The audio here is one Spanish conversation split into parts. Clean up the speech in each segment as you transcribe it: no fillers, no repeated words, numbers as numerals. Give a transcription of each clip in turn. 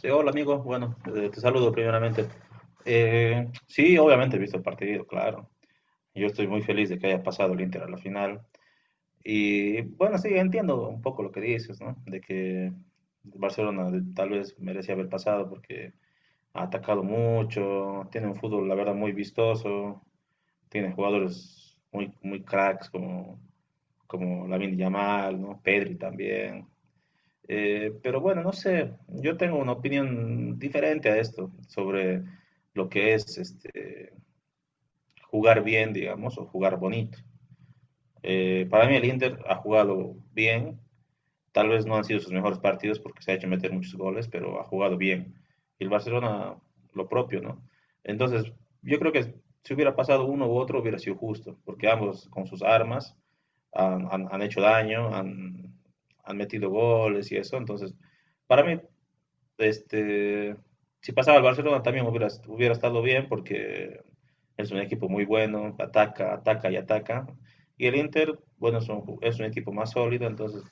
Sí, hola amigo, bueno, te saludo primeramente. Sí, obviamente he visto el partido, claro. Yo estoy muy feliz de que haya pasado el Inter a la final. Y bueno, sí, entiendo un poco lo que dices, ¿no? De que Barcelona tal vez merecía haber pasado porque ha atacado mucho, tiene un fútbol, la verdad, muy vistoso, tiene jugadores muy, muy cracks como, como Lamine Yamal, ¿no? Pedri también. Pero bueno, no sé, yo tengo una opinión diferente a esto sobre lo que es este, jugar bien, digamos, o jugar bonito. Para mí el Inter ha jugado bien, tal vez no han sido sus mejores partidos porque se ha hecho meter muchos goles, pero ha jugado bien. Y el Barcelona lo propio, ¿no? Entonces, yo creo que si hubiera pasado uno u otro hubiera sido justo, porque ambos con sus armas han hecho daño, han, han metido goles y eso. Entonces, para mí este, si pasaba al Barcelona también hubiera, hubiera estado bien porque es un equipo muy bueno, ataca, ataca y ataca. Y el Inter, bueno, es un equipo más sólido, entonces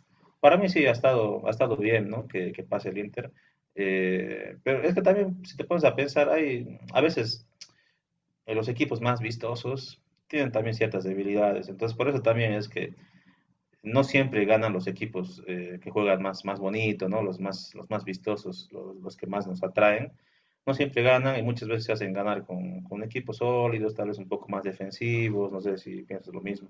para mí sí ha estado bien, ¿no? Que pase el Inter. Pero es que también, si te pones a pensar, hay, a veces los equipos más vistosos tienen también ciertas debilidades, entonces por eso también es que no siempre ganan los equipos que juegan más, más bonito, ¿no? Los más vistosos, los que más nos atraen. No siempre ganan y muchas veces se hacen ganar con equipos sólidos, tal vez un poco más defensivos, no sé si piensas lo mismo.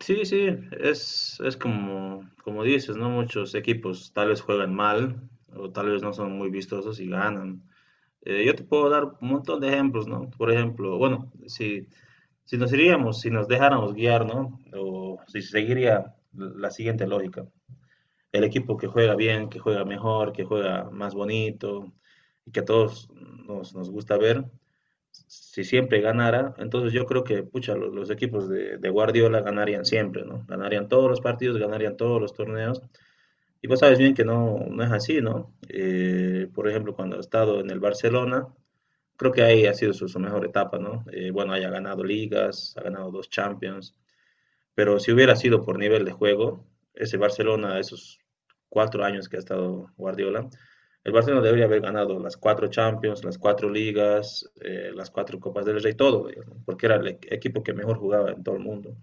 Sí, sí, es como, como dices, ¿no? Muchos equipos tal vez juegan mal o tal vez no son muy vistosos y ganan. Yo te puedo dar un montón de ejemplos, ¿no? Por ejemplo, bueno, si nos iríamos, si nos dejáramos guiar, ¿no? O si seguiría la siguiente lógica. El equipo que juega bien, que juega mejor, que juega más bonito y que a todos nos, nos gusta ver, si siempre ganara, entonces yo creo que, pucha, los equipos de, Guardiola ganarían siempre, ¿no? Ganarían todos los partidos, ganarían todos los torneos. Y vos sabes bien que no, no es así, ¿no? Por ejemplo, cuando ha estado en el Barcelona, creo que ahí ha sido su, su mejor etapa, ¿no? Bueno, haya ganado ligas, ha ganado dos Champions, pero si hubiera sido por nivel de juego, ese Barcelona, esos cuatro años que ha estado Guardiola, el Barcelona debería haber ganado las cuatro Champions, las cuatro Ligas, las cuatro Copas del Rey, todo, ¿no? Porque era el equipo que mejor jugaba en todo el mundo.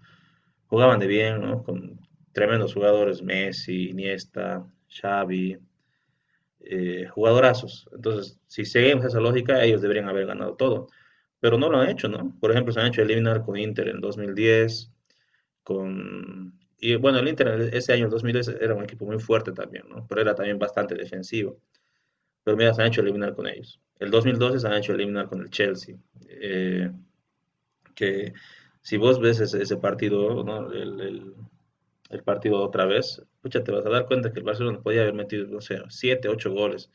Jugaban de bien, ¿no? Con tremendos jugadores, Messi, Iniesta, Xavi, jugadorazos. Entonces, si seguimos esa lógica, ellos deberían haber ganado todo. Pero no lo han hecho, ¿no? Por ejemplo, se han hecho eliminar con Inter en 2010, con... Y bueno, el Inter ese año, el 2010, era un equipo muy fuerte también, ¿no? Pero era también bastante defensivo. Pero mira, se han hecho eliminar con ellos. El 2012 se han hecho eliminar con el Chelsea. eh, que si vos ves ese, ese partido, ¿no? El partido otra vez, pucha, te vas a dar cuenta que el Barcelona podía haber metido, no sé, 7 8 goles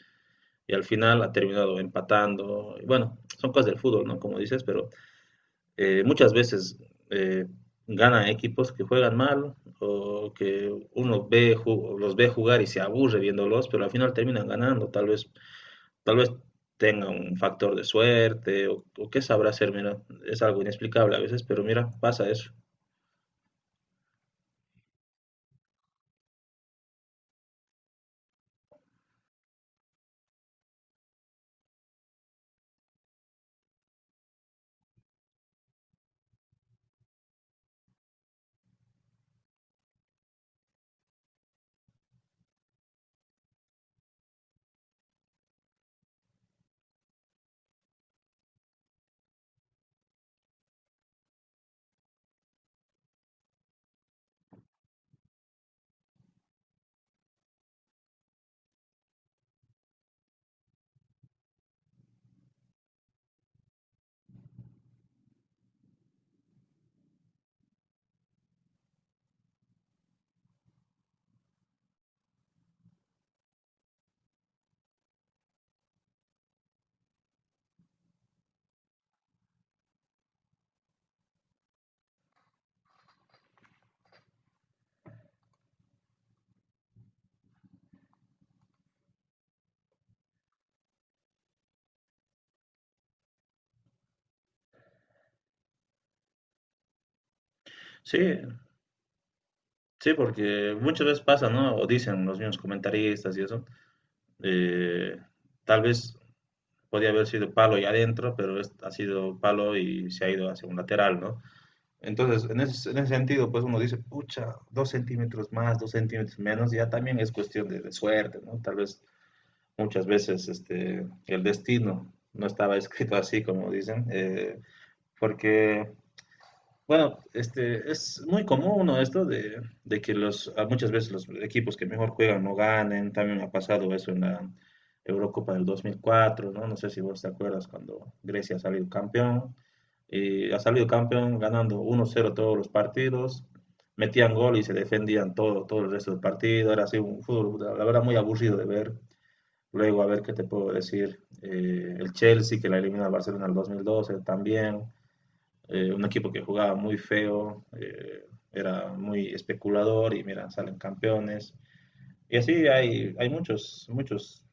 y al final ha terminado empatando. Y bueno, son cosas del fútbol, ¿no? Como dices, pero muchas veces eh, ganan equipos que juegan mal o que uno ve, los ve jugar y se aburre viéndolos, pero al final terminan ganando. Tal vez tenga un factor de suerte o qué sabrá hacer, mira, es algo inexplicable a veces, pero mira, pasa eso. Sí, sí, porque muchas veces pasa, ¿no? O dicen los mismos comentaristas y eso. eh, Tal vez podía haber sido palo y adentro, pero ha sido palo y se ha ido hacia un lateral, ¿no? Entonces, en ese sentido, pues uno dice, pucha, dos centímetros más, dos centímetros menos, ya también es cuestión de suerte, ¿no? Tal vez muchas veces el destino no estaba escrito así, como dicen, porque bueno, es muy común ¿no? Esto de que los, a muchas veces los equipos que mejor juegan no ganen. También ha pasado eso en la Eurocopa del 2004, ¿no? No sé si vos te acuerdas cuando Grecia ha salido campeón. Y ha salido campeón ganando 1-0 todos los partidos. Metían gol y se defendían todo, todo el resto del partido. Era así un fútbol, la verdad, muy aburrido de ver. Luego, a ver qué te puedo decir. El Chelsea, que la eliminó al Barcelona en el 2012, también un equipo que jugaba muy feo, era muy especulador y mira, salen campeones. Y así hay, hay muchos, muchos,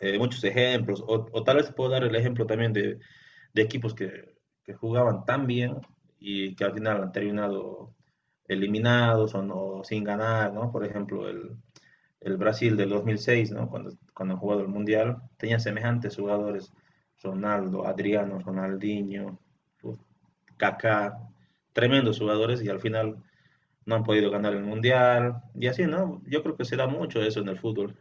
muchos ejemplos. O, tal vez puedo dar el ejemplo también de equipos que, jugaban tan bien y que al final han terminado eliminados o, no, sin ganar, ¿no? Por ejemplo, el Brasil del 2006, ¿no? Cuando, cuando han jugado el Mundial, tenía semejantes jugadores, Ronaldo, Adriano, Ronaldinho, Kaká, tremendos jugadores y al final no han podido ganar el Mundial y así, ¿no? Yo creo que se da mucho eso en el fútbol.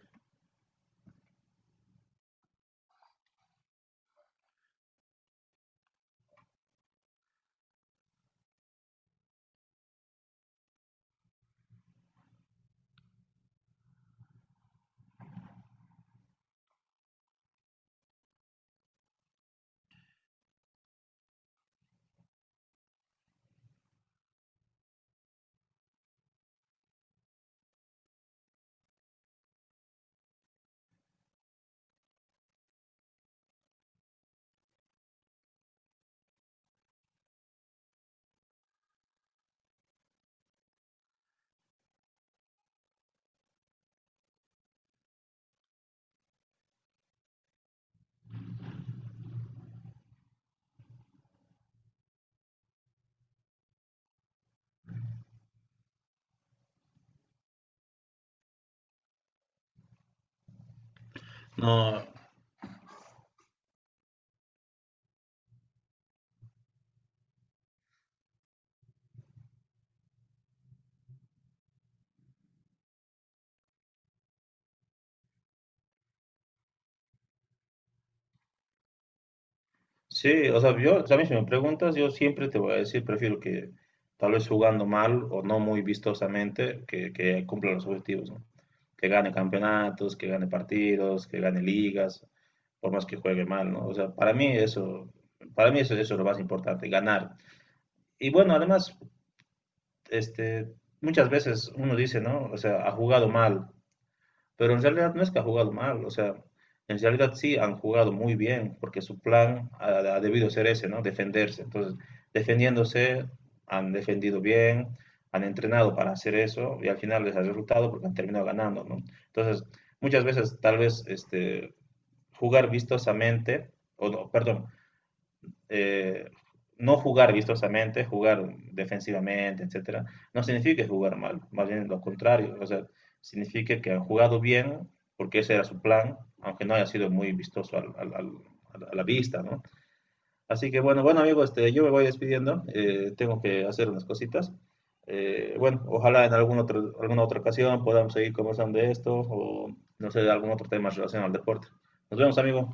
No, sí, o sea, yo, a mí si me preguntas, yo siempre te voy a decir, prefiero que tal vez jugando mal o no muy vistosamente, que cumpla los objetivos, ¿no? Que gane campeonatos, que gane partidos, que gane ligas, por más que juegue mal, ¿no? O sea, para mí eso, eso es lo más importante, ganar. Y bueno, además, este, muchas veces uno dice, ¿no? O sea, ha jugado mal, pero en realidad no es que ha jugado mal, o sea, en realidad sí han jugado muy bien, porque su plan ha, ha debido ser ese, ¿no? Defenderse. Entonces, defendiéndose, han defendido bien, han entrenado para hacer eso y al final les ha resultado porque han terminado ganando, ¿no? Entonces, muchas veces tal vez jugar vistosamente, o no, perdón, eh, no jugar vistosamente, jugar defensivamente, etcétera, no significa jugar mal, más bien lo contrario, o sea, significa que han jugado bien porque ese era su plan, aunque no haya sido muy vistoso al, al, al, a la vista, ¿no? Así que bueno, bueno amigos, yo me voy despidiendo, tengo que hacer unas cositas. Bueno, ojalá en alguna otra ocasión podamos seguir conversando de esto o no sé, de algún otro tema relacionado al deporte. Nos vemos amigos.